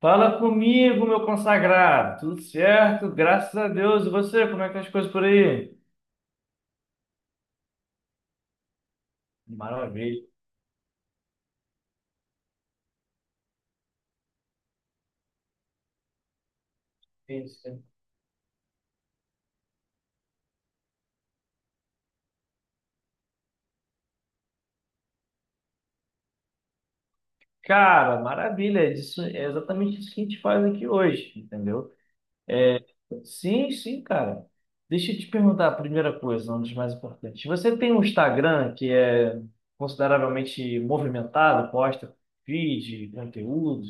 Fala comigo, meu consagrado. Tudo certo? Graças a Deus. E você, como é que tá as coisas por aí? Maravilha. Isso. Cara, maravilha. Isso é exatamente isso que a gente faz aqui hoje, entendeu? É, sim, sim, cara. Deixa eu te perguntar a primeira coisa, uma das mais importantes. Você tem um Instagram que é consideravelmente movimentado, posta feed, conteúdos?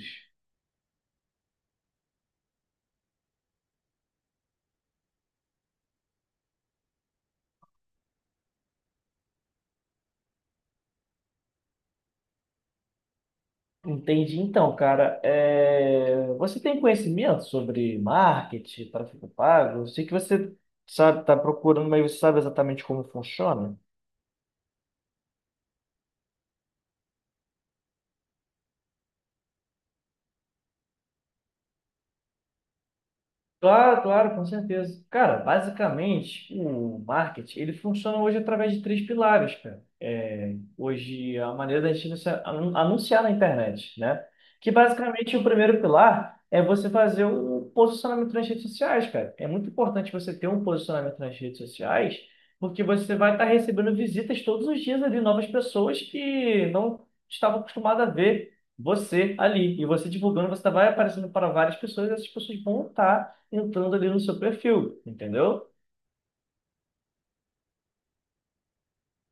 Entendi. Então, cara, você tem conhecimento sobre marketing, tráfego pago? Eu sei que você sabe, está procurando, mas você sabe exatamente como funciona? Claro, claro, com certeza. Cara, basicamente, o marketing, ele funciona hoje através de três pilares, cara. É, hoje, a maneira da gente anunciar na internet, né? Que basicamente o primeiro pilar é você fazer um posicionamento nas redes sociais, cara. É muito importante você ter um posicionamento nas redes sociais, porque você vai estar recebendo visitas todos os dias ali, novas pessoas que não estavam acostumadas a ver você ali. E você divulgando, você vai aparecendo para várias pessoas, e essas pessoas vão estar entrando ali no seu perfil, entendeu?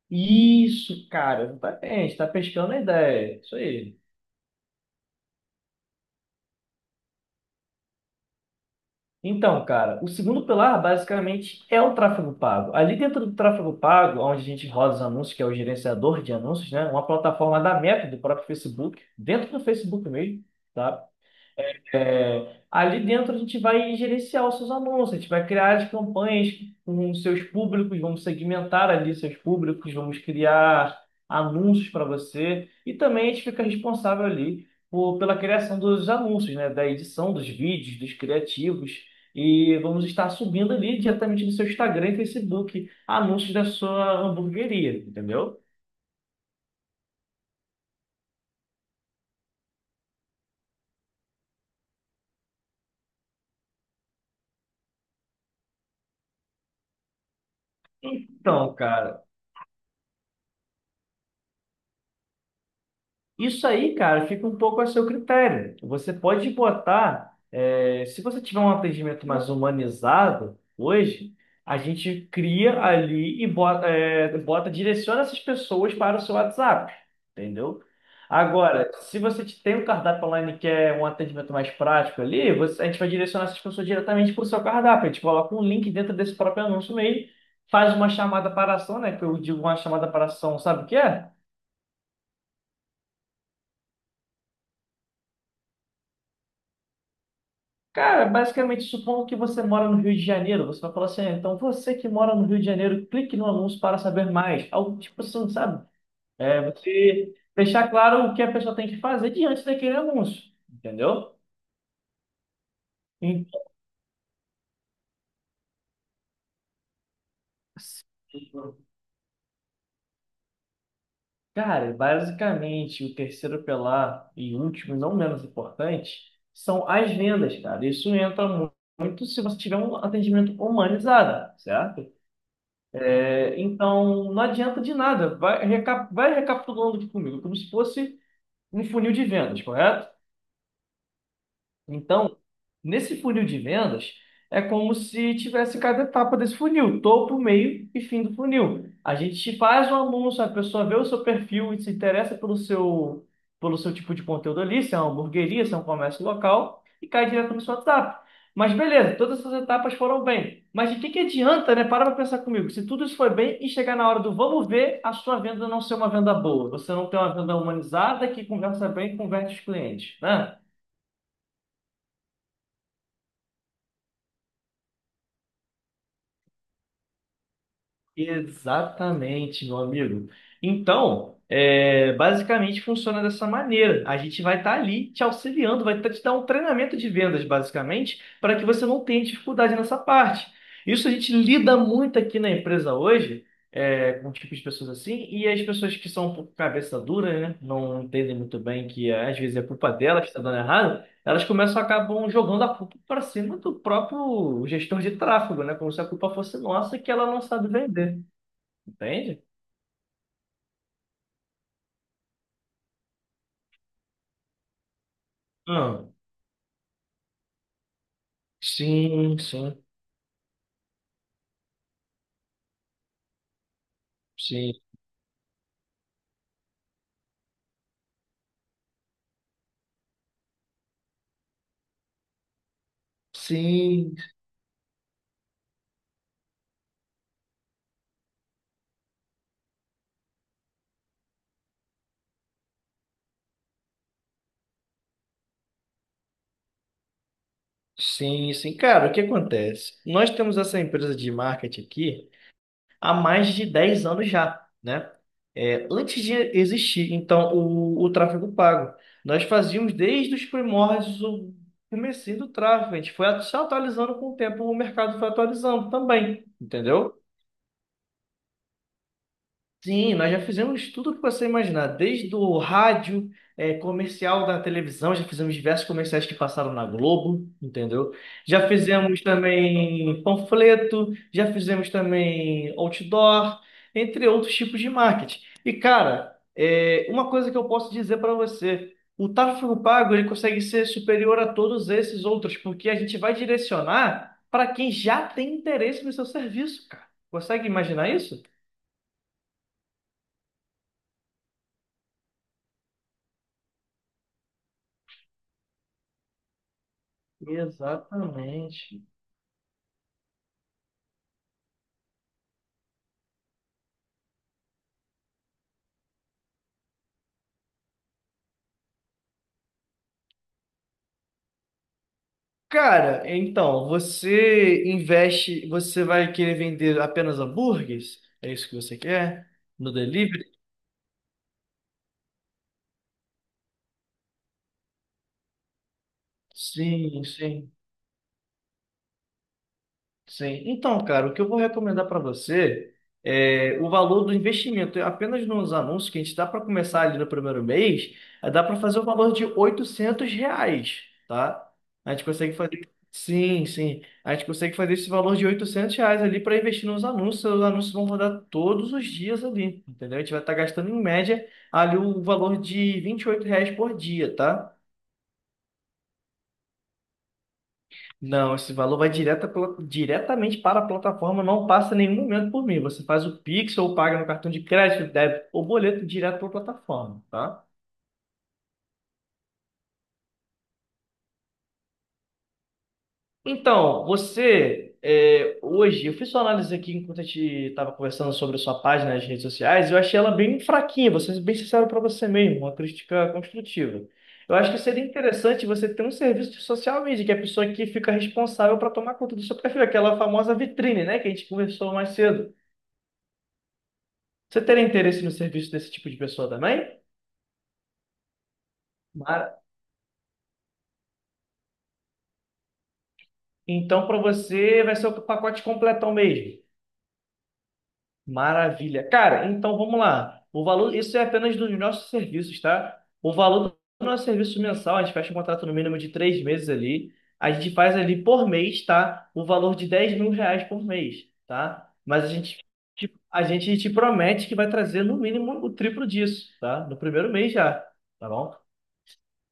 Isso, cara, exatamente, tá pescando a ideia, isso aí. Então, cara, o segundo pilar basicamente é o tráfego pago. Ali dentro do tráfego pago, onde a gente roda os anúncios, que é o gerenciador de anúncios, né? Uma plataforma da Meta, do próprio Facebook, dentro do Facebook mesmo, tá? É, ali dentro a gente vai gerenciar os seus anúncios, a gente vai criar as campanhas com os seus públicos, vamos segmentar ali seus públicos, vamos criar anúncios para você e também a gente fica responsável ali por, pela criação dos anúncios, né, da edição dos vídeos, dos criativos e vamos estar subindo ali diretamente no seu Instagram e Facebook anúncios da sua hamburgueria, entendeu? Então, cara. Isso aí, cara, fica um pouco a seu critério. Você pode botar, se você tiver um atendimento mais humanizado hoje, a gente cria ali e direciona essas pessoas para o seu WhatsApp, entendeu? Agora, se você te- tem um cardápio online que é um atendimento mais prático ali, a gente vai direcionar essas pessoas diretamente para o seu cardápio. A gente coloca um link dentro desse próprio anúncio mesmo, faz uma chamada para ação, né? Que eu digo uma chamada para ação, sabe o que é? Cara, basicamente, supondo que você mora no Rio de Janeiro, você vai falar assim, "Ah, então você que mora no Rio de Janeiro, clique no anúncio para saber mais." Algo tipo assim, sabe? É, você deixar claro o que a pessoa tem que fazer diante daquele anúncio, entendeu? Então, cara, basicamente, o terceiro pilar e último, e não menos importante, são as vendas, cara. Muito se você tiver um atendimento humanizado, certo? Então, não adianta de nada. Vai recapitulando aqui comigo, como se fosse um funil de vendas, correto? Então, nesse funil de vendas, é como se tivesse cada etapa desse funil, topo, meio e fim do funil. A gente faz um anúncio, a pessoa vê o seu perfil e se interessa pelo seu tipo de conteúdo ali, se é uma hamburgueria, se é um comércio local, e cai direto no seu WhatsApp. Mas beleza, todas essas etapas foram bem. Mas de que adianta, né? Para pensar comigo. Se tudo isso foi bem e chegar na hora do vamos ver, a sua venda não ser uma venda boa. Você não tem uma venda humanizada que conversa bem e converte os clientes, né? Exatamente, meu amigo. Então, basicamente funciona dessa maneira. A gente vai estar ali te auxiliando, te dar um treinamento de vendas, basicamente, para que você não tenha dificuldade nessa parte. Isso a gente lida muito aqui na empresa hoje, com tipos de pessoas assim, e as pessoas que são um pouco cabeça dura, né? Não entendem muito bem que às vezes é culpa dela que está dando errado. Elas começam acabam jogando a culpa para cima do próprio gestor de tráfego, né? Como se a culpa fosse nossa que ela não sabe vender, entende? Hum. Sim, sim, sim. Sim, sim, sim. Cara, o que acontece? Nós temos essa empresa de marketing aqui há mais de 10 anos já, né? É, antes de existir, então, o tráfego pago. Nós fazíamos desde os primórdios o comecinho do tráfego. A gente foi se atualizando com o tempo, o mercado foi atualizando também, entendeu? Sim, nós já fizemos tudo que você imaginar, desde o rádio, comercial da televisão, já fizemos diversos comerciais que passaram na Globo, entendeu? Já fizemos também panfleto, já fizemos também outdoor, entre outros tipos de marketing. E, cara, uma coisa que eu posso dizer para você, o tráfego pago ele consegue ser superior a todos esses outros, porque a gente vai direcionar para quem já tem interesse no seu serviço, cara. Consegue imaginar isso? Exatamente. Cara, então, você investe, você vai querer vender apenas hambúrgueres? É isso que você quer? No delivery? Sim, sim. Sim. Então, cara, o que eu vou recomendar para você é o valor do investimento. Apenas nos anúncios que a gente dá para começar ali no primeiro mês, dá para fazer o valor de R$ 800, tá? A gente consegue fazer. Sim, sim. A gente consegue fazer esse valor de R$ 800 ali para investir nos anúncios. Os anúncios vão rodar todos os dias ali, entendeu? A gente vai estar gastando em média ali o valor de R$ 28 por dia, tá? Não, esse valor vai direta pela- diretamente para a plataforma, não passa em nenhum momento por mim. Você faz o Pix ou paga no cartão de crédito, débito ou boleto direto para a plataforma, tá? Então, hoje, eu fiz sua análise aqui enquanto a gente estava conversando sobre a sua página nas redes sociais, eu achei ela bem fraquinha, vou ser bem sincero para você mesmo, uma crítica construtiva. Eu acho que seria interessante você ter um serviço de social media, que é a pessoa que fica responsável para tomar conta do seu perfil, aquela famosa vitrine, né, que a gente conversou mais cedo. Você teria interesse no serviço desse tipo de pessoa também? Mara- Então, para você, vai ser o pacote completão mesmo. Maravilha. Cara, então vamos lá. O valor, isso é apenas dos nossos serviços, tá? O valor do nosso serviço mensal, a gente fecha um contrato no mínimo de 3 meses ali. A gente faz ali por mês, tá? O valor de R$ 10.000 por mês, tá? Mas a gente, a gente te promete que vai trazer no mínimo o triplo disso, tá? No primeiro mês já, tá bom?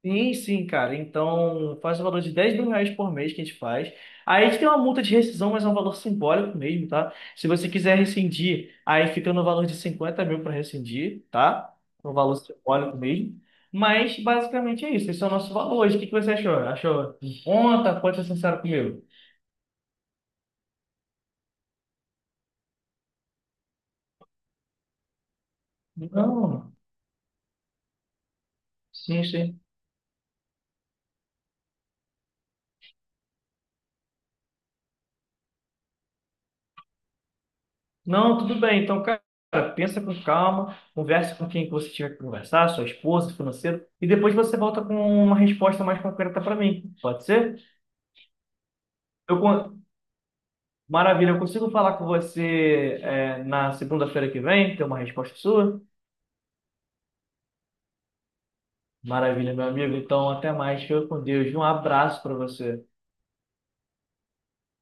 Sim, sim, cara. Então, faz o valor de R$ 10.000 por mês que a gente faz. Aí a gente tem uma multa de rescisão, mas é um valor simbólico mesmo, tá? Se você quiser rescindir, aí fica no valor de 50 mil para rescindir, tá? Um valor simbólico mesmo. Mas, basicamente, é isso. Esse é o nosso valor hoje. O que que você achou? Achou em conta? Pode ser sincero comigo. Não. Sim, sim. Não, tudo bem. Então, cara, pensa com calma, converse com quem que você tiver que conversar, sua esposa, financeiro, e depois você volta com uma resposta mais concreta para mim. Pode ser? Eu, con- Maravilha, eu consigo falar com você na segunda-feira que vem, ter uma resposta sua? Maravilha, meu amigo. Então, até mais. Fica com Deus. Um abraço para você.